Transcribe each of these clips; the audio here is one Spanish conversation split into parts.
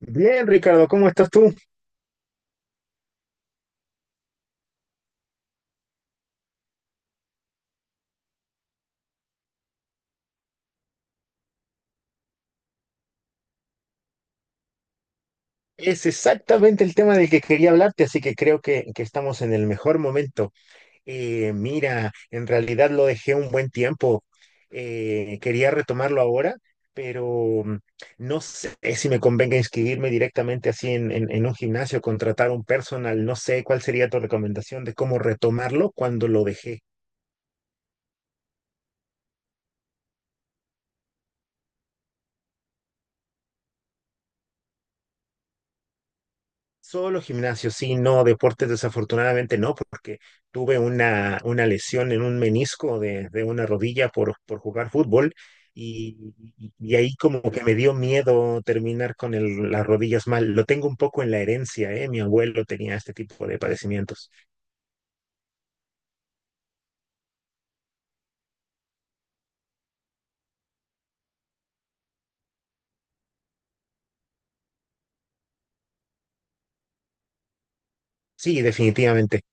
Bien, Ricardo, ¿cómo estás tú? Es exactamente el tema del que quería hablarte, así que creo que estamos en el mejor momento. Mira, en realidad lo dejé un buen tiempo. Quería retomarlo ahora, pero no sé si me convenga inscribirme directamente así en un gimnasio, contratar un personal. No sé cuál sería tu recomendación de cómo retomarlo cuando lo dejé. Solo gimnasio, sí, no, deportes desafortunadamente no, porque tuve una lesión en un menisco de una rodilla por jugar fútbol y, y ahí como que me dio miedo terminar con las rodillas mal. Lo tengo un poco en la herencia, ¿eh? Mi abuelo tenía este tipo de padecimientos. Sí, definitivamente.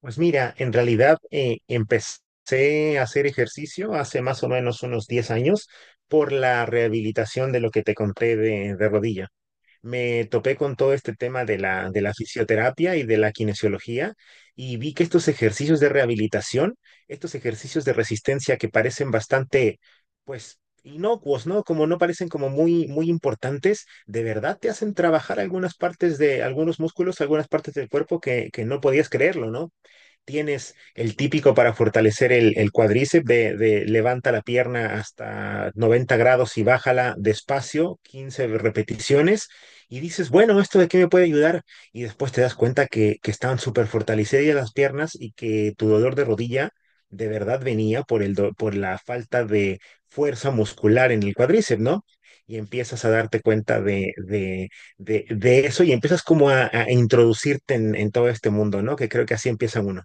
Pues mira, en realidad empecé a hacer ejercicio hace más o menos unos 10 años por la rehabilitación de lo que te conté de rodilla. Me topé con todo este tema de la fisioterapia y de la kinesiología, y vi que estos ejercicios de rehabilitación, estos ejercicios de resistencia que parecen bastante, pues, inocuos, ¿no? Como no parecen como muy importantes, de verdad te hacen trabajar algunas partes de algunos músculos, algunas partes del cuerpo que no podías creerlo, ¿no? Tienes el típico para fortalecer el cuádriceps de levanta la pierna hasta 90 grados y bájala despacio, 15 repeticiones, y dices, bueno, ¿esto de qué me puede ayudar? Y después te das cuenta que estaban súper fortalecidas las piernas y que tu dolor de rodilla de verdad venía por, por la falta de fuerza muscular en el cuádriceps, ¿no? Y empiezas a darte cuenta de eso y empiezas como a introducirte en todo este mundo, ¿no? Que creo que así empieza uno.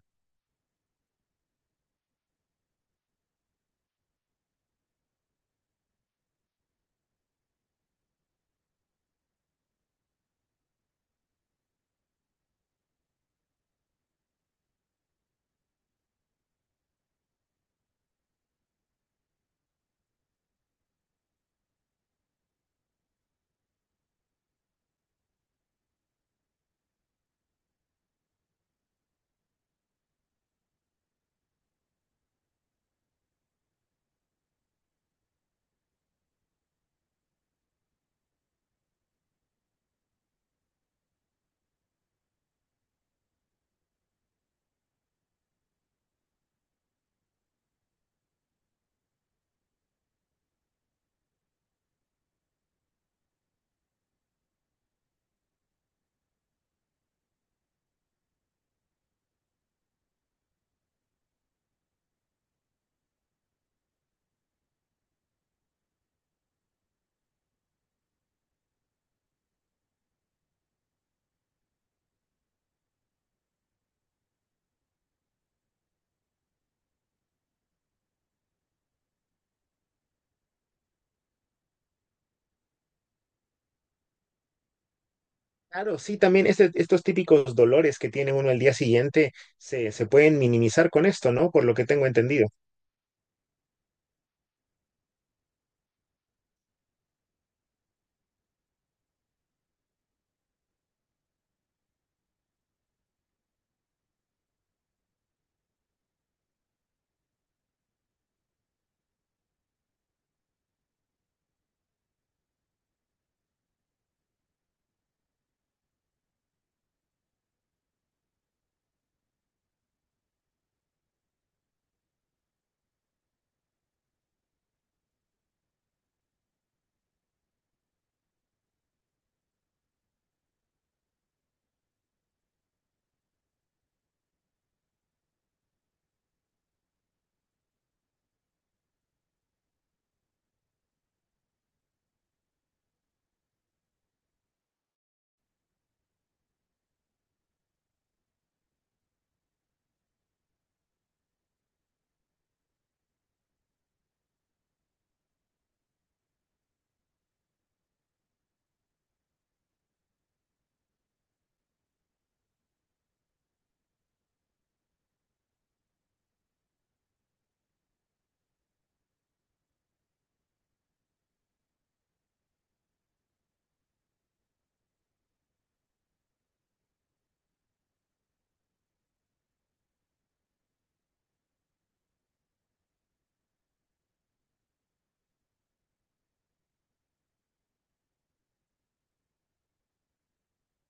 Claro, sí, también estos típicos dolores que tiene uno al día siguiente se pueden minimizar con esto, ¿no? Por lo que tengo entendido.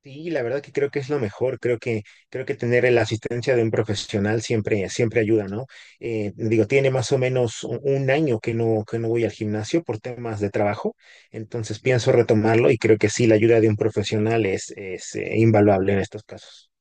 Sí, la verdad que creo que es lo mejor. Creo que tener la asistencia de un profesional siempre, siempre ayuda, ¿no? Digo, tiene más o menos un año que no voy al gimnasio por temas de trabajo, entonces pienso retomarlo y creo que sí, la ayuda de un profesional es, es invaluable en estos casos.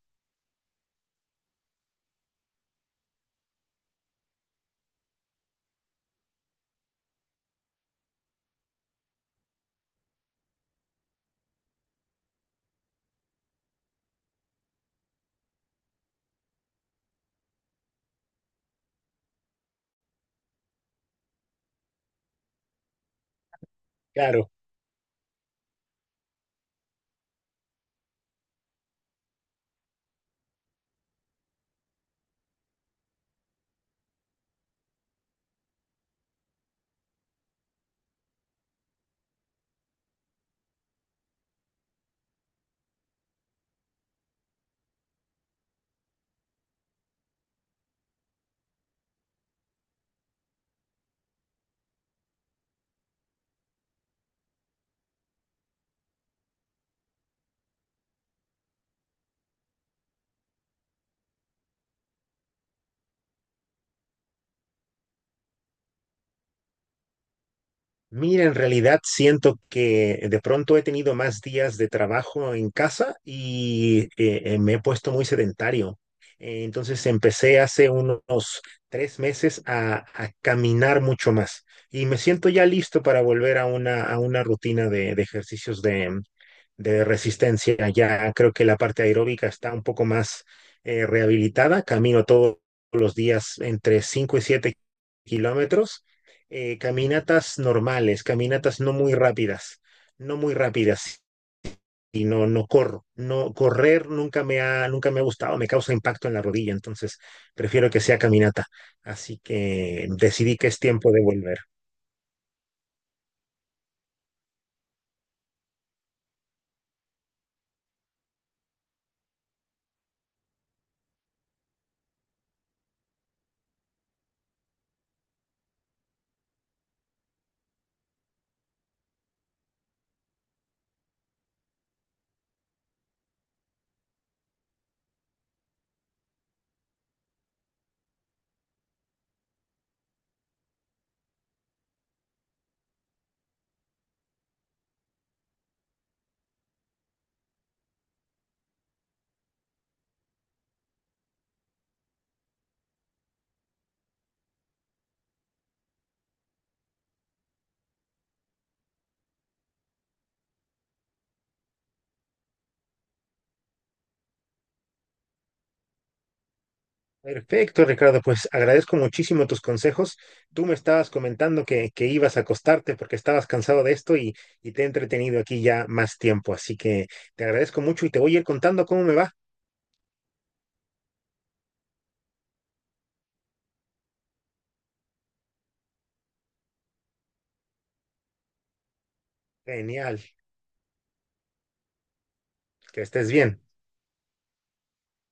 Claro. Mira, en realidad siento que de pronto he tenido más días de trabajo en casa y me he puesto muy sedentario. Entonces empecé hace unos 3 meses a caminar mucho más y me siento ya listo para volver a una rutina de ejercicios de resistencia. Ya creo que la parte aeróbica está un poco más rehabilitada. Camino todos los días entre 5 y 7 kilómetros, caminatas normales, caminatas no muy rápidas, no muy rápidas. Y no, no corro. No, correr nunca me ha, nunca me ha gustado, me causa impacto en la rodilla, entonces prefiero que sea caminata. Así que decidí que es tiempo de volver. Perfecto, Ricardo. Pues agradezco muchísimo tus consejos. Tú me estabas comentando que ibas a acostarte porque estabas cansado de esto y te he entretenido aquí ya más tiempo. Así que te agradezco mucho y te voy a ir contando cómo me va. Genial. Que estés bien.